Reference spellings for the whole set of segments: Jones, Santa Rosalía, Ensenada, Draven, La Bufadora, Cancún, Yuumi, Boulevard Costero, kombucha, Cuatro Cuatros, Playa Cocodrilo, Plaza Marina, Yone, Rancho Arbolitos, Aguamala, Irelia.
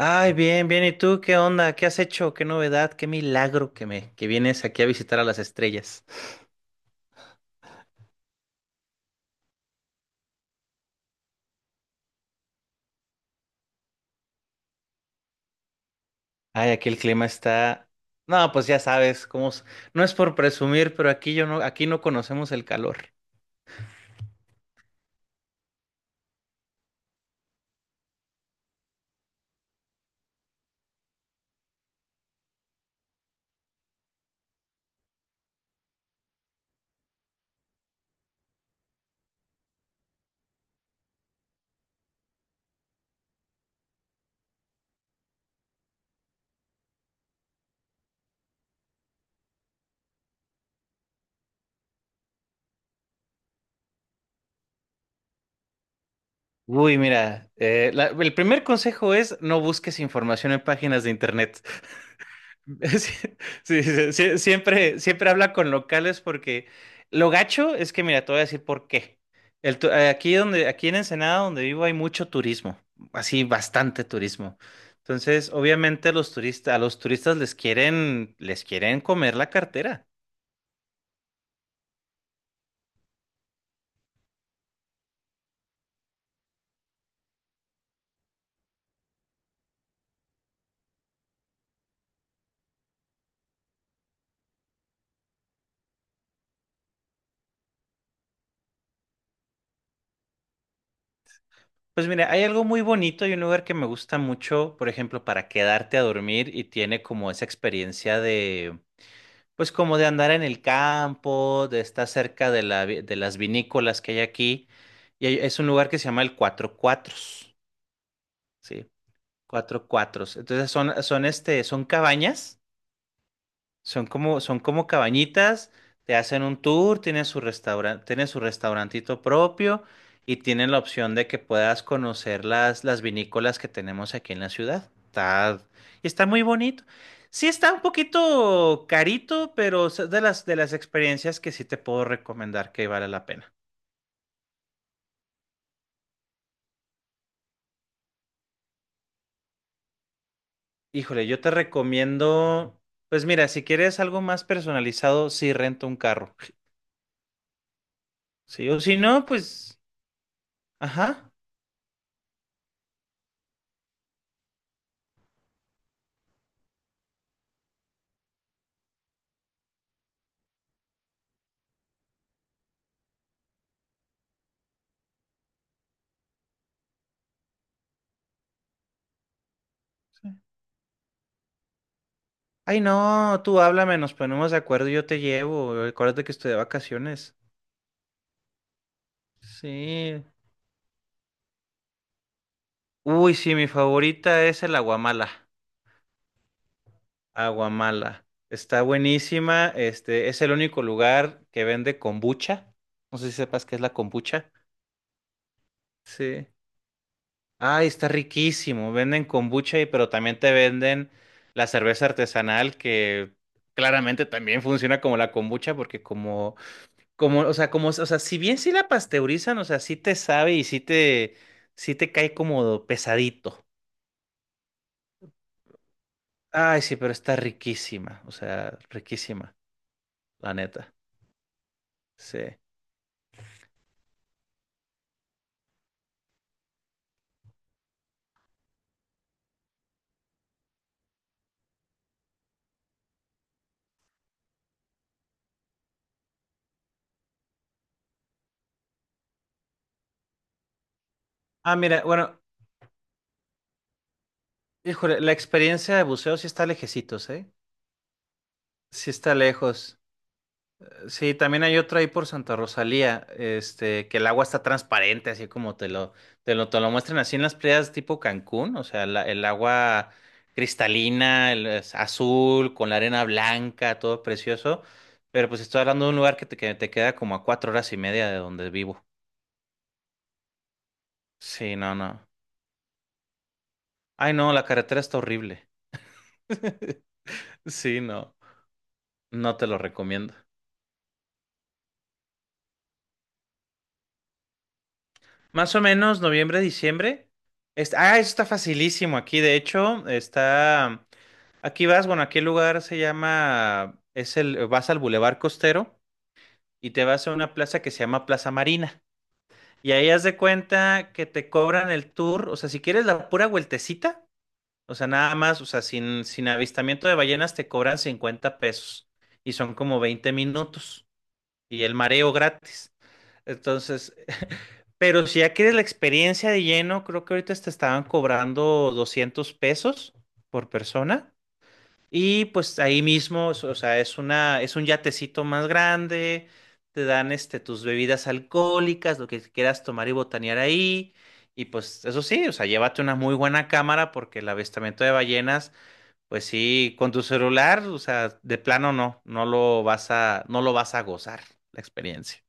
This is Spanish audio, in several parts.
Ay, bien, bien. ¿Y tú qué onda? ¿Qué has hecho? ¿Qué novedad? ¿Qué milagro que vienes aquí a visitar a las estrellas? Ay, aquí el clima está. No, pues ya sabes cómo. No es por presumir, pero aquí yo no, aquí no conocemos el calor. Uy, mira, el primer consejo es no busques información en páginas de internet. Sí, sí, siempre habla con locales porque lo gacho es que, mira, te voy a decir por qué. Aquí donde, aquí en Ensenada, donde vivo, hay mucho turismo, así bastante turismo. Entonces, obviamente, a los turistas les quieren comer la cartera. Pues mira, hay algo muy bonito y un lugar que me gusta mucho, por ejemplo, para quedarte a dormir y tiene como esa experiencia. Pues como de andar en el campo, de estar cerca de de las vinícolas que hay aquí. Es un lugar que se llama el Cuatro Cuatros, ¿sí? Cuatro Cuatros. Entonces son cabañas. Son como cabañitas, te hacen un tour, tienen su restaurante, tienen su restaurantito propio y tienen la opción de que puedas conocer las vinícolas que tenemos aquí en la ciudad. Está, y está muy bonito. Sí está un poquito carito, pero es de de las experiencias que sí te puedo recomendar que vale la pena. Híjole, yo te recomiendo, pues mira, si quieres algo más personalizado, sí rento un carro. Sí, o si no, pues, ajá. Ay, no, tú háblame, nos ponemos de acuerdo y yo te llevo. Acuérdate que estoy de vacaciones. Sí. Uy, sí, mi favorita es el Aguamala. Aguamala. Está buenísima. Este es el único lugar que vende kombucha. No sé si sepas qué es la kombucha. Sí. Ay, está riquísimo. Venden kombucha y pero también te venden la cerveza artesanal que claramente también funciona como la kombucha porque como. Como, o sea, si bien sí la pasteurizan, o sea, sí te sabe sí te cae como pesadito. Ay, sí, pero está riquísima, o sea, riquísima, la neta. Sí. Ah, mira, bueno, híjole, la experiencia de buceo sí está lejecitos, ¿eh? Sí está lejos. Sí, también hay otra ahí por Santa Rosalía, este, que el agua está transparente, así como te lo muestran así en las playas tipo Cancún, o sea, el agua cristalina, el, es azul, con la arena blanca, todo precioso, pero pues estoy hablando de un lugar que te queda como a 4 horas y media de donde vivo. Sí, no, no. Ay, no, la carretera está horrible. Sí, no, no te lo recomiendo. Más o menos noviembre, diciembre. Eso está facilísimo aquí, de hecho, está. Aquí vas, bueno, aquí el lugar se llama, vas al Boulevard Costero y te vas a una plaza que se llama Plaza Marina. Y ahí haz de cuenta que te cobran el tour, o sea, si quieres la pura vueltecita, o sea, nada más, o sea, sin avistamiento de ballenas te cobran $50 y son como 20 minutos y el mareo gratis. Entonces, pero si ya quieres la experiencia de lleno, creo que ahorita te estaban cobrando $200 por persona. Y pues ahí mismo, so, o sea, es un yatecito más grande, te dan este, tus bebidas alcohólicas, lo que quieras tomar y botanear ahí. Y pues eso sí, o sea, llévate una muy buena cámara porque el avistamiento de ballenas, pues sí, con tu celular, o sea, de plano no, no lo vas a gozar la experiencia.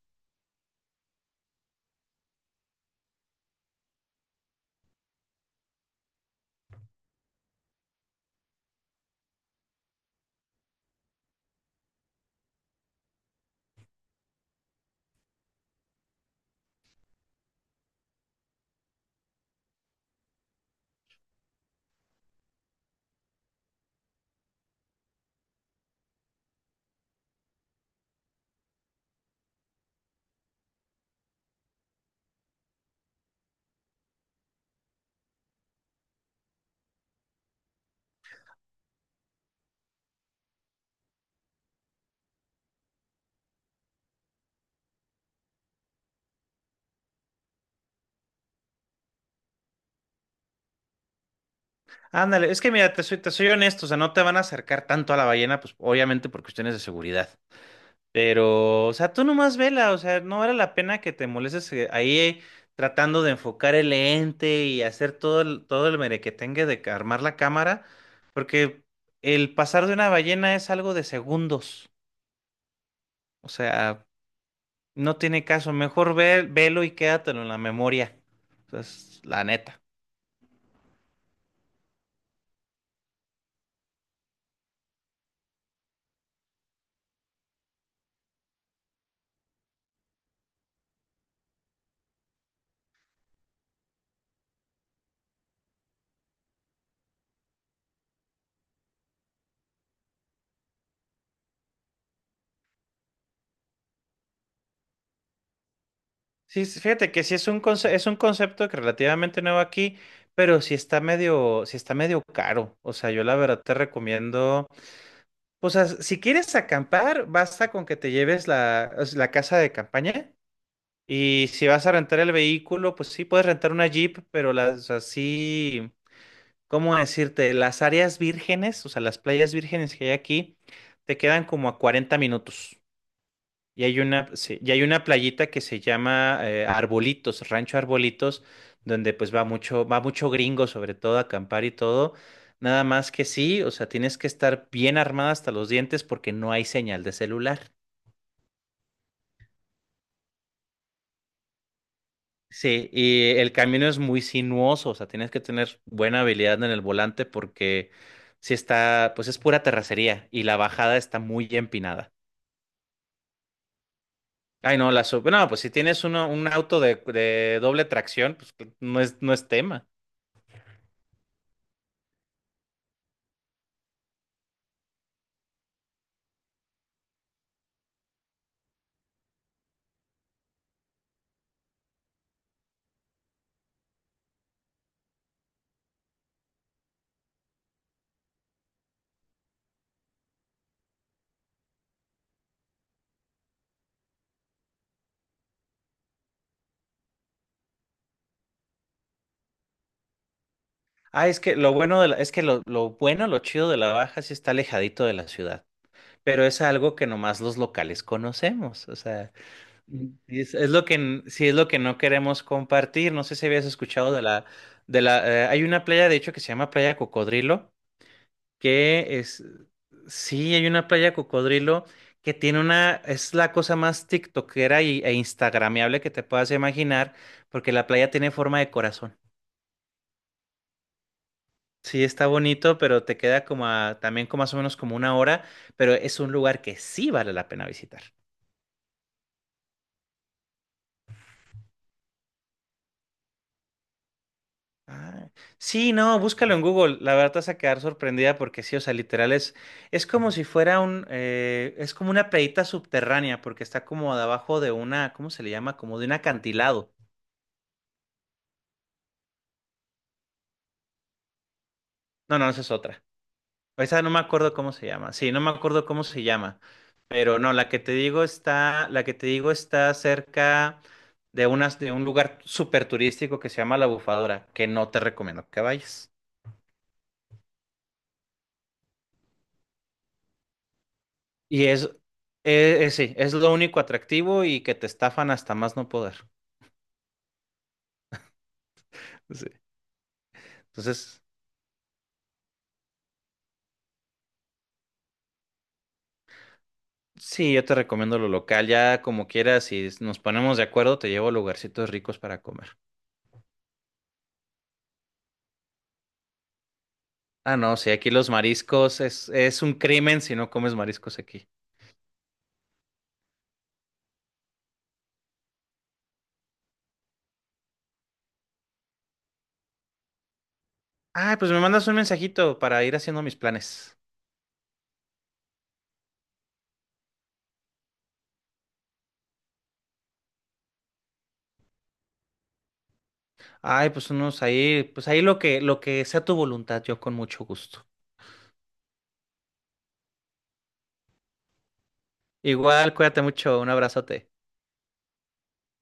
Ándale, es que mira, te soy honesto, o sea, no te van a acercar tanto a la ballena, pues obviamente por cuestiones de seguridad. Pero, o sea, tú nomás vela, o sea, no vale la pena que te molestes ahí tratando de enfocar el lente y hacer todo el merequetengue de armar la cámara, porque el pasar de una ballena es algo de segundos, o sea, no tiene caso, mejor ve, velo y quédatelo en la memoria, o sea, es la neta. Sí, sí, fíjate que sí es un es un concepto que relativamente nuevo aquí, pero sí está medio caro, o sea, yo la verdad te recomiendo. Pues si quieres acampar, basta con que te lleves la, o sea, la casa de campaña. Y si vas a rentar el vehículo, pues sí puedes rentar una Jeep, pero las así, ¿cómo decirte? Las áreas vírgenes, o sea, las playas vírgenes que hay aquí, te quedan como a 40 minutos. Y hay una, sí, y hay una playita que se llama Arbolitos, Rancho Arbolitos, donde pues va mucho gringo, sobre todo a acampar y todo. Nada más que sí, o sea, tienes que estar bien armada hasta los dientes porque no hay señal de celular. Sí, y el camino es muy sinuoso, o sea, tienes que tener buena habilidad en el volante porque si está, pues es pura terracería y la bajada está muy empinada. Ay, no, la sub, no, pues si tienes uno, un auto de doble tracción, pues no es, no es tema. Ah, es que lo bueno de es que lo bueno, lo chido de la Baja sí está alejadito de la ciudad, pero es algo que nomás los locales conocemos, o sea, mm. Y es lo que sí es lo que no queremos compartir. No sé si habías escuchado de la hay una playa de hecho que se llama Playa Cocodrilo, que es sí, hay una playa Cocodrilo que tiene una es la cosa más tiktokera y, e instagrameable que te puedas imaginar, porque la playa tiene forma de corazón. Sí, está bonito, pero te queda como también como más o menos como 1 hora, pero es un lugar que sí vale la pena visitar. Ah, sí, no, búscalo en Google. La verdad te vas a quedar sorprendida porque sí, o sea, literal es como si fuera es como una playita subterránea porque está como debajo de una, ¿cómo se le llama? Como de un acantilado. No, no, esa es otra. Esa no me acuerdo cómo se llama. Sí, no me acuerdo cómo se llama. Pero no, la que te digo está, la que te digo está cerca de un lugar súper turístico que se llama La Bufadora, que no te recomiendo que vayas. Y es, sí, es lo único atractivo y que te estafan hasta más no poder. Sí. Entonces, sí, yo te recomiendo lo local, ya como quieras, si nos ponemos de acuerdo, te llevo a lugarcitos ricos para comer. Ah, no, sí, aquí los mariscos es un crimen si no comes mariscos aquí. Ah, pues me mandas un mensajito para ir haciendo mis planes. Ay, pues unos ahí, pues ahí lo que sea tu voluntad, yo con mucho gusto. Igual, cuídate mucho, un abrazote.